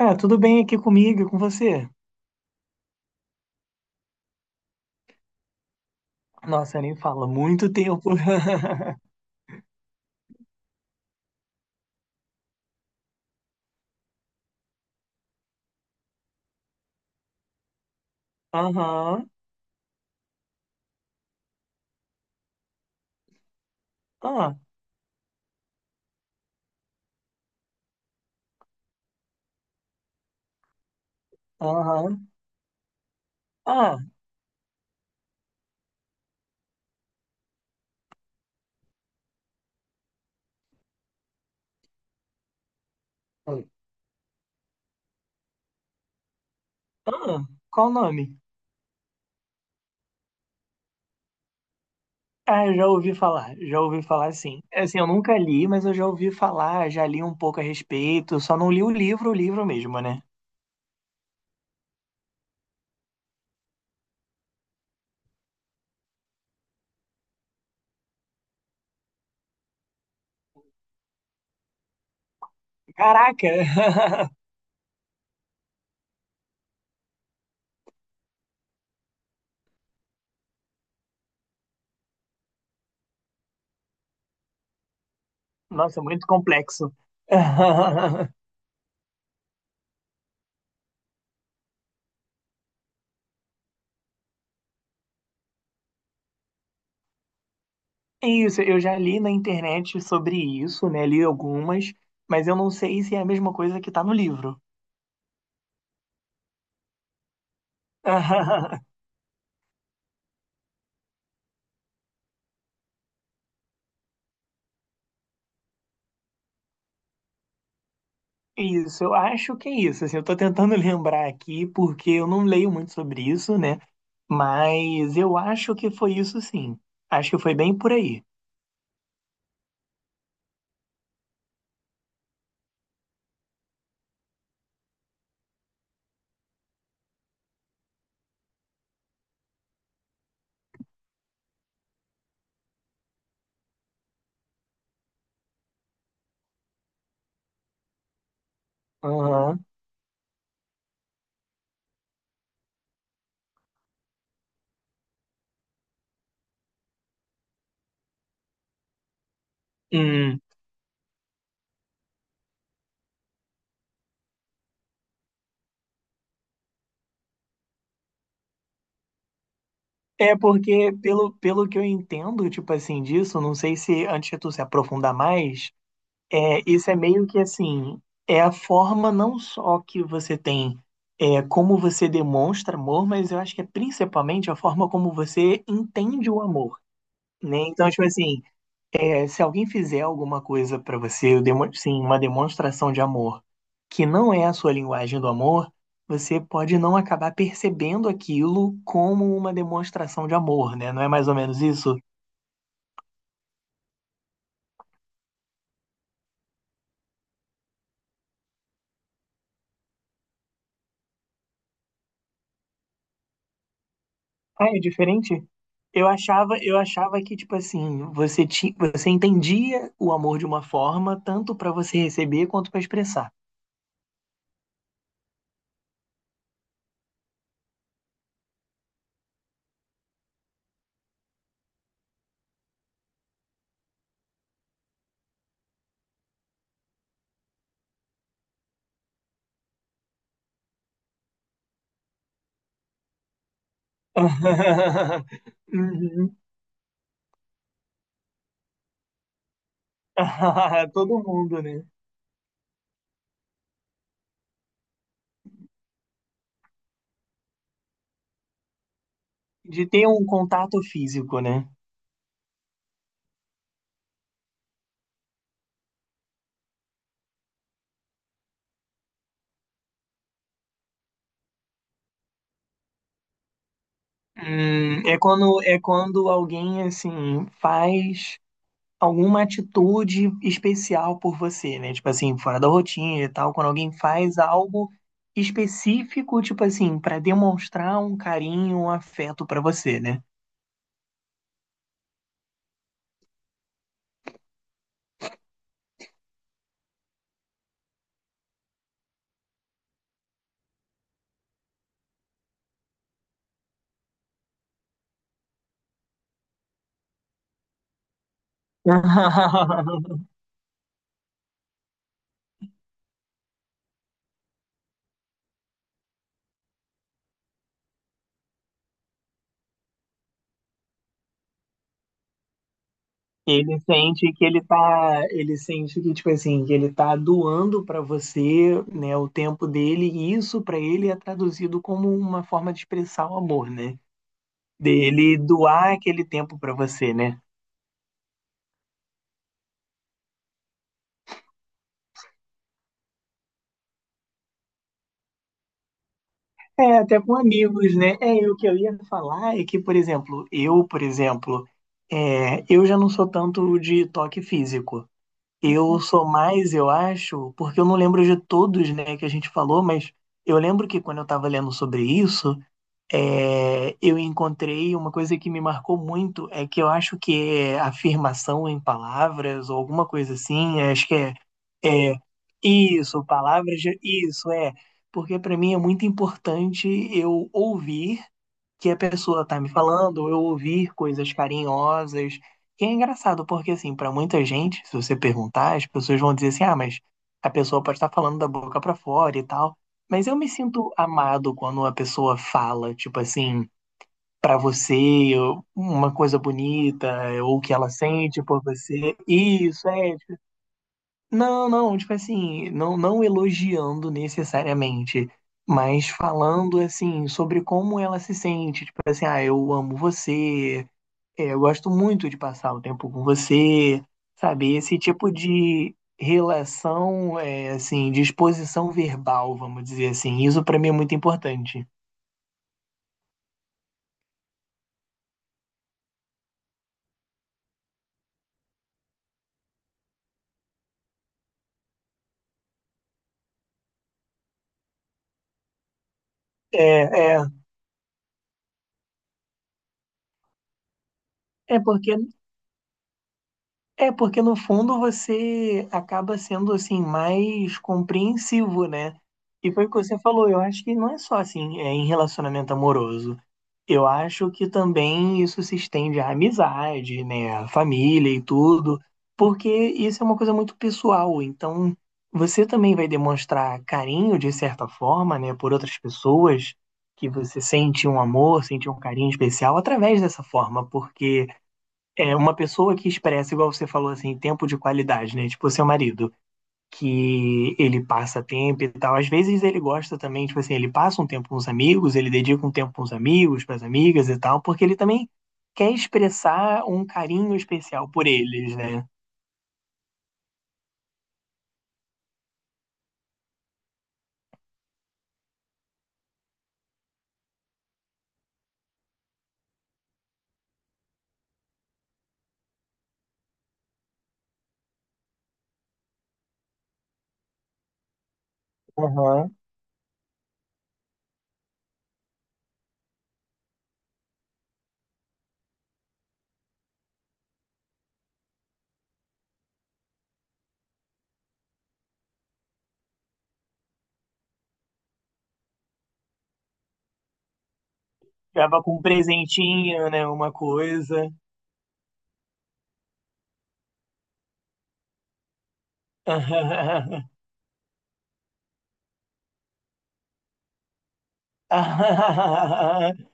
É, tudo bem aqui comigo, e com você? Nossa, nem fala, muito tempo. Aham. Ah. Aham. Ah. Ah, qual o nome? Ah, eu já ouvi falar sim. Assim, eu nunca li, mas eu já ouvi falar, já li um pouco a respeito, só não li o livro mesmo, né? Caraca! Nossa, muito complexo. Isso, eu já li na internet sobre isso, né? Mas eu não sei se é a mesma coisa que tá no livro. Isso, eu acho que é isso. Assim, eu tô tentando lembrar aqui, porque eu não leio muito sobre isso, né? Mas eu acho que foi isso sim. Acho que foi bem por aí. Aham. Hum. É porque, pelo que eu entendo, tipo assim, disso, não sei se antes de tu se aprofundar mais, isso é meio que assim, é a forma não só que você tem, como você demonstra amor, mas eu acho que é principalmente a forma como você entende o amor, né? Então, tipo assim. Se alguém fizer alguma coisa para você, sim, uma demonstração de amor, que não é a sua linguagem do amor, você pode não acabar percebendo aquilo como uma demonstração de amor, né? Não é mais ou menos isso? Ah, é diferente? Eu achava que, tipo assim, você entendia o amor de uma forma, tanto para você receber quanto para expressar. Uhum. Todo mundo, né? De ter um contato físico, né? É quando alguém assim faz alguma atitude especial por você, né? Tipo assim, fora da rotina e tal, quando alguém faz algo específico, tipo assim, para demonstrar um carinho, um afeto pra você, né? Ele sente que ele tá, ele sente que tipo assim, que ele tá doando pra você, né, o tempo dele, e isso pra ele é traduzido como uma forma de expressar o amor, né? Dele doar aquele tempo para você, né? É, até com amigos, né? É, o que eu ia falar é que, por exemplo, eu, por exemplo, é, eu já não sou tanto de toque físico. Eu sou mais, eu acho, porque eu não lembro de todos, né, que a gente falou, mas eu lembro que quando eu estava lendo sobre isso, eu encontrei uma coisa que me marcou muito, é que eu acho que é afirmação em palavras ou alguma coisa assim, é isso, palavras, de- isso, é, porque para mim é muito importante eu ouvir que a pessoa tá me falando, eu ouvir coisas carinhosas. E é engraçado, porque assim, pra muita gente, se você perguntar, as pessoas vão dizer assim: "Ah, mas a pessoa pode estar falando da boca pra fora e tal". Mas eu me sinto amado quando a pessoa fala, tipo assim, pra você, ou uma coisa bonita, ou o que ela sente por você. Não, tipo assim, não, não elogiando necessariamente, mas falando assim sobre como ela se sente, tipo assim, ah, eu amo você, eu gosto muito de passar o tempo com você, sabe? Esse tipo de relação, assim, de exposição verbal, vamos dizer assim, isso pra mim é muito importante. É, é, é porque porque no fundo você acaba sendo assim mais compreensivo, né? E foi o que você falou, eu acho que não é só assim, é em relacionamento amoroso. Eu acho que também isso se estende à amizade, né, à família e tudo, porque isso é uma coisa muito pessoal, então você também vai demonstrar carinho de certa forma, né, por outras pessoas que você sente um amor, sente um carinho especial através dessa forma, porque é uma pessoa que expressa, igual você falou assim, tempo de qualidade, né? Tipo, seu marido, que ele passa tempo e tal. Às vezes ele gosta também, tipo assim, ele passa um tempo com os amigos, ele dedica um tempo com os amigos, para as amigas e tal, porque ele também quer expressar um carinho especial por eles, né? Aham. Acaba com um presentinho, né? Uma coisa.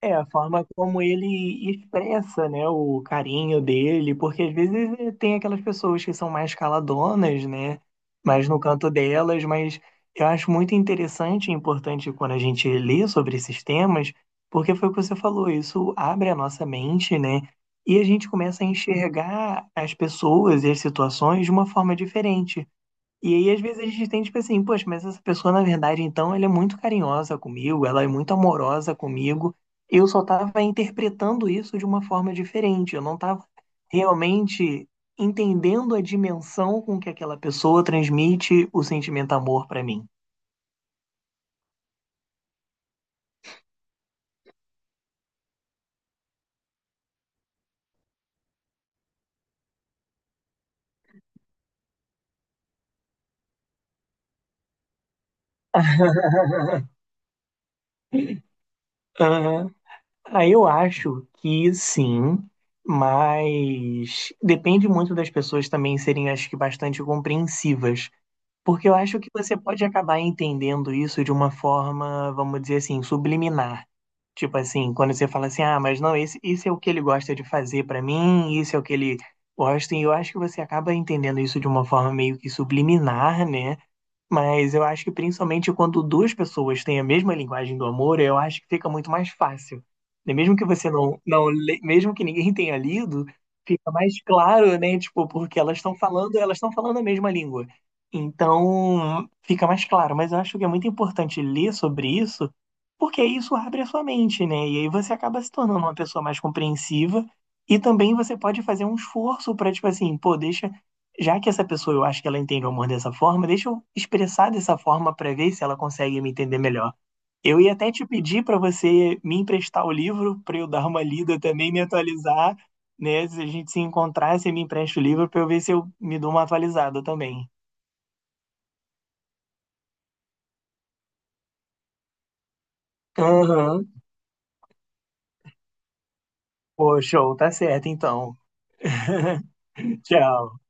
É, a forma como ele expressa, né, o carinho dele, porque às vezes tem aquelas pessoas que são mais caladonas, né, mais no canto delas, mas eu acho muito interessante e importante quando a gente lê sobre esses temas, porque foi o que você falou, isso abre a nossa mente, né, e a gente começa a enxergar as pessoas e as situações de uma forma diferente. E aí, às vezes, a gente tem, tipo assim, poxa, mas essa pessoa, na verdade, então, ela é muito carinhosa comigo, ela é muito amorosa comigo. Eu só tava interpretando isso de uma forma diferente. Eu não tava realmente entendendo a dimensão com que aquela pessoa transmite o sentimento amor pra mim. Ah, aí eu acho que sim, mas depende muito das pessoas também serem, acho que, bastante compreensivas. Porque eu acho que você pode acabar entendendo isso de uma forma, vamos dizer assim, subliminar. Tipo assim, quando você fala assim, ah, mas não, esse, isso é o que ele gosta de fazer pra mim, isso é o que ele gosta, e eu acho que você acaba entendendo isso de uma forma meio que subliminar, né? Mas eu acho que principalmente quando duas pessoas têm a mesma linguagem do amor, eu acho que fica muito mais fácil. Né? Mesmo que você não, não le- mesmo que ninguém tenha lido, fica mais claro, né? Tipo, porque elas estão falando a mesma língua. Então, fica mais claro. Mas eu acho que é muito importante ler sobre isso, porque isso abre a sua mente, né? E aí você acaba se tornando uma pessoa mais compreensiva. E também você pode fazer um esforço para, tipo assim, pô, deixa já que essa pessoa eu acho que ela entende o amor dessa forma, deixa eu expressar dessa forma para ver se ela consegue me entender melhor. Eu ia até te pedir para você me emprestar o livro para eu dar uma lida também, me atualizar, né? Se a gente se encontrar, você me empresta o livro para eu ver se eu me dou uma atualizada também. Aham. Pô, show, tá certo então. Tchau.